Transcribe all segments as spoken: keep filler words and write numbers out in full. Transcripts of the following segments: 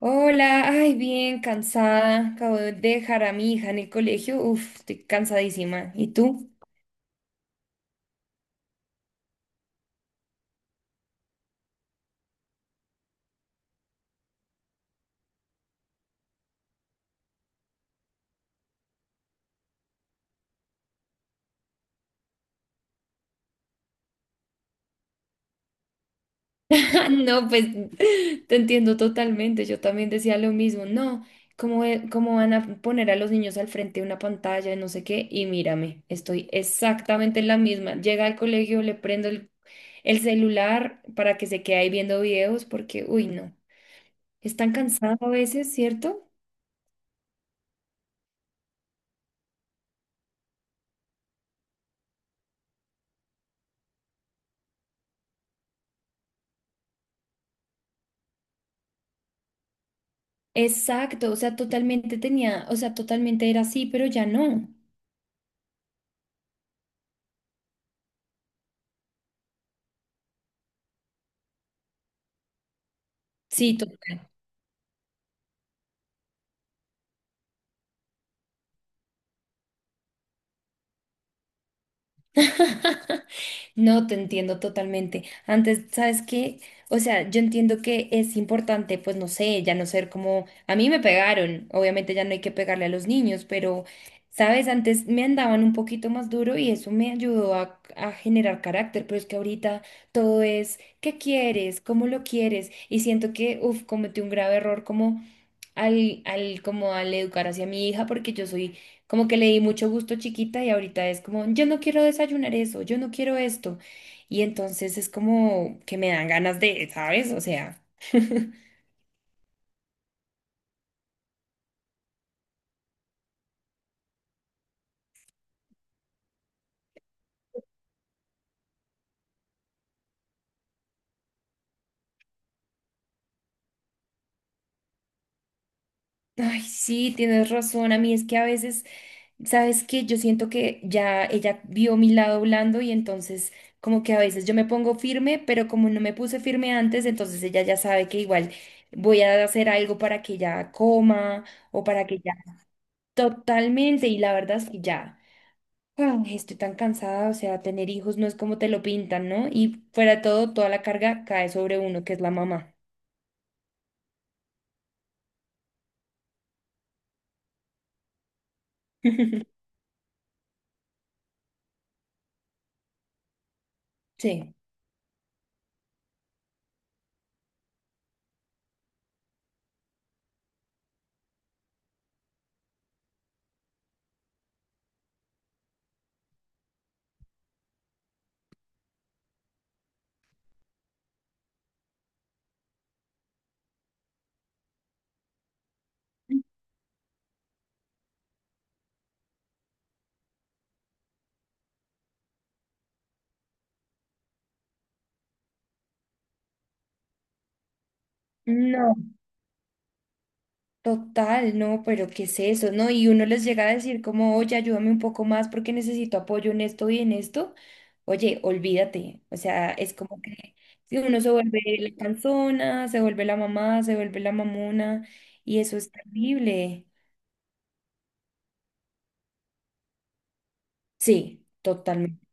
Hola, ay, bien, cansada. Acabo de dejar a mi hija en el colegio. Uf, estoy cansadísima. ¿Y tú? No, pues te entiendo totalmente. Yo también decía lo mismo. No, ¿cómo, e- cómo van a poner a los niños al frente de una pantalla, no sé qué? Y mírame, estoy exactamente en la misma. Llega al colegio, le prendo el, el celular para que se quede ahí viendo videos porque, uy, no. Están cansados a veces, ¿cierto? Exacto, o sea, totalmente tenía, o sea, totalmente era así, pero ya no. Sí, total. No, te entiendo totalmente. Antes, ¿sabes qué? O sea, yo entiendo que es importante, pues no sé, ya no ser como, a mí me pegaron, obviamente ya no hay que pegarle a los niños, pero, ¿sabes? Antes me andaban un poquito más duro y eso me ayudó a, a generar carácter, pero es que ahorita todo es, ¿qué quieres? ¿Cómo lo quieres? Y siento que, uff, cometí un grave error como... al, al, como al educar hacia mi hija, porque yo soy como que le di mucho gusto chiquita y ahorita es como, yo no quiero desayunar eso, yo no quiero esto. Y entonces es como que me dan ganas de, ¿sabes? O sea, ay, sí, tienes razón, a mí es que a veces, ¿sabes qué? Yo siento que ya ella vio mi lado blando y entonces como que a veces yo me pongo firme, pero como no me puse firme antes, entonces ella ya sabe que igual voy a hacer algo para que ella coma o para que ella... Totalmente, y la verdad es que ya, ah, estoy tan cansada, o sea, tener hijos no es como te lo pintan, ¿no? Y fuera de todo, toda la carga cae sobre uno, que es la mamá. Sí. No, total, no, pero ¿qué es eso? ¿No? Y uno les llega a decir como, oye, ayúdame un poco más porque necesito apoyo en esto y en esto. Oye, olvídate, o sea, es como que si uno se vuelve la panzona, se vuelve la mamá, se vuelve la mamona, y eso es terrible. Sí, totalmente.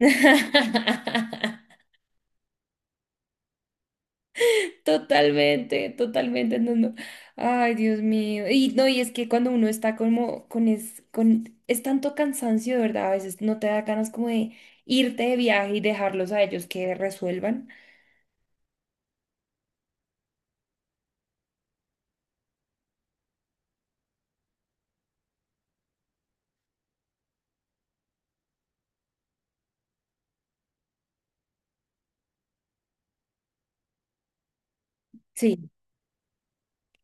Totalmente, totalmente, no, no. Ay, Dios mío. Y no, y es que cuando uno está como con es, con es tanto cansancio, de verdad, a veces no te da ganas como de irte de viaje y dejarlos a ellos que resuelvan. Sí.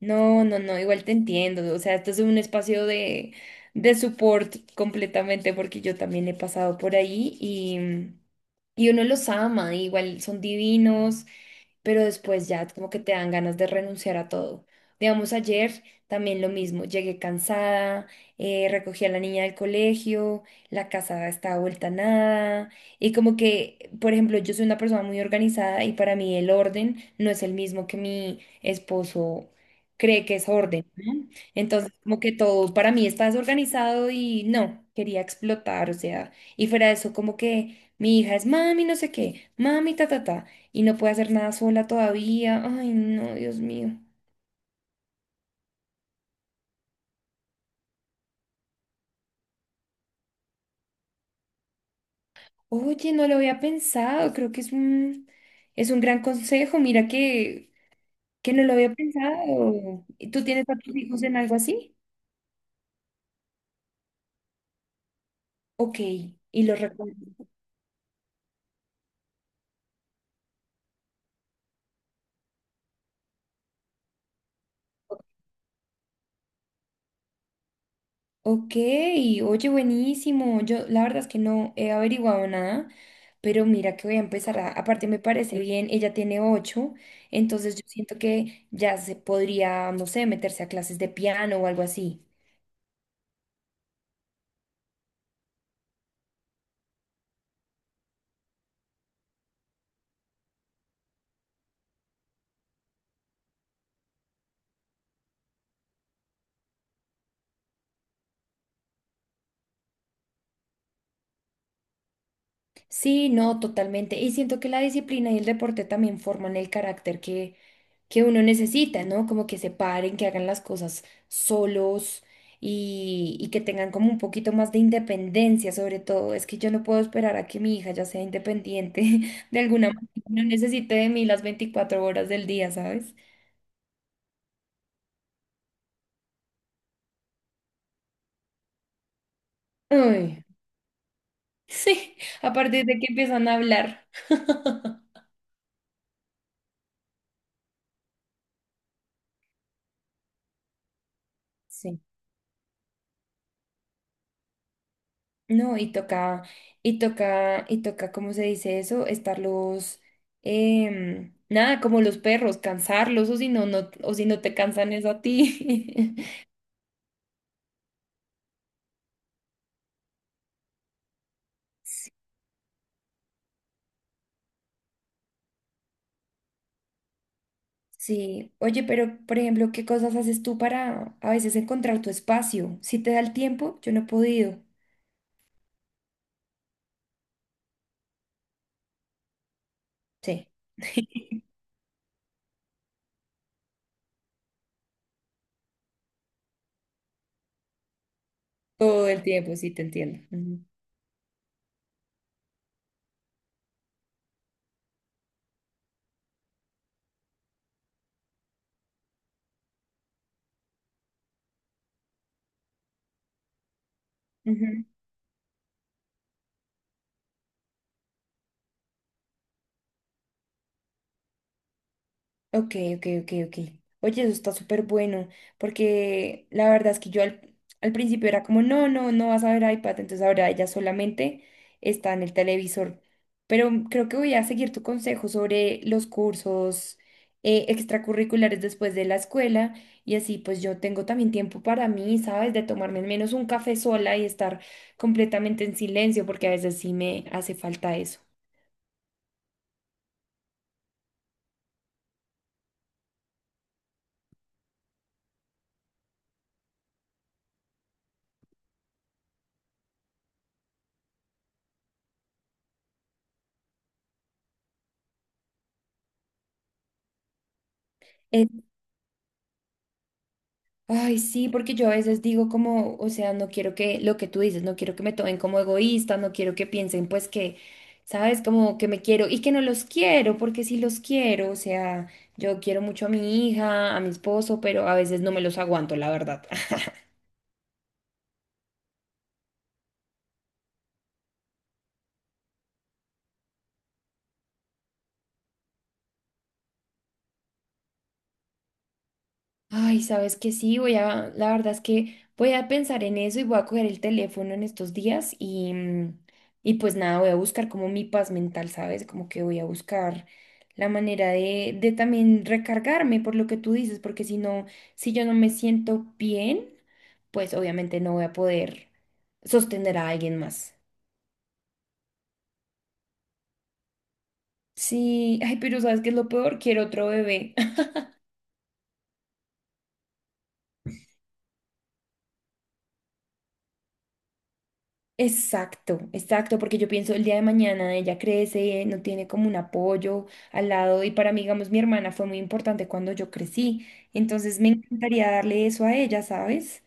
No, no, no, igual te entiendo. O sea, esto es un espacio de, de support completamente porque yo también he pasado por ahí y, mm, y uno los ama, igual son divinos, pero después ya como que te dan ganas de renunciar a todo. Digamos, ayer también lo mismo, llegué cansada, eh, recogí a la niña del colegio, la casa estaba vuelta a nada y como que, por ejemplo, yo soy una persona muy organizada y para mí el orden no es el mismo que mi esposo cree que es orden, ¿no? Entonces, como que todo para mí está desorganizado y no, quería explotar, o sea, y fuera de eso, como que mi hija es mami, no sé qué, mami, ta, ta, ta, y no puede hacer nada sola todavía, ay, no, Dios mío. Oye, no lo había pensado, creo que es un, es un gran consejo, mira que, que no lo había pensado. ¿Y tú tienes a tus hijos en algo así? Ok, y los recuerdas. Ok, oye, buenísimo. Yo la verdad es que no he averiguado nada, pero mira que voy a empezar a, aparte me parece bien, ella tiene ocho, entonces yo siento que ya se podría, no sé, meterse a clases de piano o algo así. Sí, no, totalmente. Y siento que la disciplina y el deporte también forman el carácter que, que uno necesita, ¿no? Como que se paren, que hagan las cosas solos y, y que tengan como un poquito más de independencia, sobre todo. Es que yo no puedo esperar a que mi hija ya sea independiente de alguna manera. No necesite de mí las veinticuatro horas del día, ¿sabes? Ay, sí, a partir de que empiezan a hablar. Sí. No, y toca, y toca, y toca, ¿cómo se dice eso? Estarlos, em, nada, como los perros, cansarlos, o si no, no, o si no te cansan eso a ti. Sí, oye, pero por ejemplo, ¿qué cosas haces tú para a veces encontrar tu espacio? Si te da el tiempo, yo no he podido. Sí, todo el tiempo, sí, te entiendo. Ujú. Ujú. Ok, ok, ok, ok. Oye, eso está súper bueno, porque la verdad es que yo al, al principio era como, no, no, no vas a ver iPad, entonces ahora ella solamente está en el televisor. Pero creo que voy a seguir tu consejo sobre los cursos eh, extracurriculares después de la escuela y así pues yo tengo también tiempo para mí, ¿sabes? De tomarme al menos un café sola y estar completamente en silencio, porque a veces sí me hace falta eso. Ay, sí, porque yo a veces digo como, o sea, no quiero que lo que tú dices, no quiero que me tomen como egoísta, no quiero que piensen pues que, sabes, como que me quiero y que no los quiero, porque sí los quiero, o sea, yo quiero mucho a mi hija, a mi esposo, pero a veces no me los aguanto, la verdad. Ay, sabes que sí, voy a, la verdad es que voy a pensar en eso y voy a coger el teléfono en estos días y, mm, y pues nada, voy a buscar como mi paz mental, ¿sabes? Como que voy a buscar la manera de, de también recargarme por lo que tú dices, porque si no, si yo no me siento bien, pues obviamente no voy a poder sostener a alguien más. Sí, ay, pero ¿sabes qué es lo peor? Quiero otro bebé. Exacto, exacto, porque yo pienso el día de mañana ella crece, no tiene como un apoyo al lado y para mí, digamos, mi hermana fue muy importante cuando yo crecí, entonces me encantaría darle eso a ella, ¿sabes?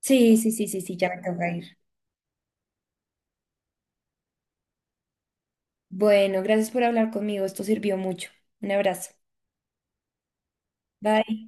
Sí, sí, sí, sí, sí, ya me toca ir. Bueno, gracias por hablar conmigo, esto sirvió mucho. Un abrazo. Bye.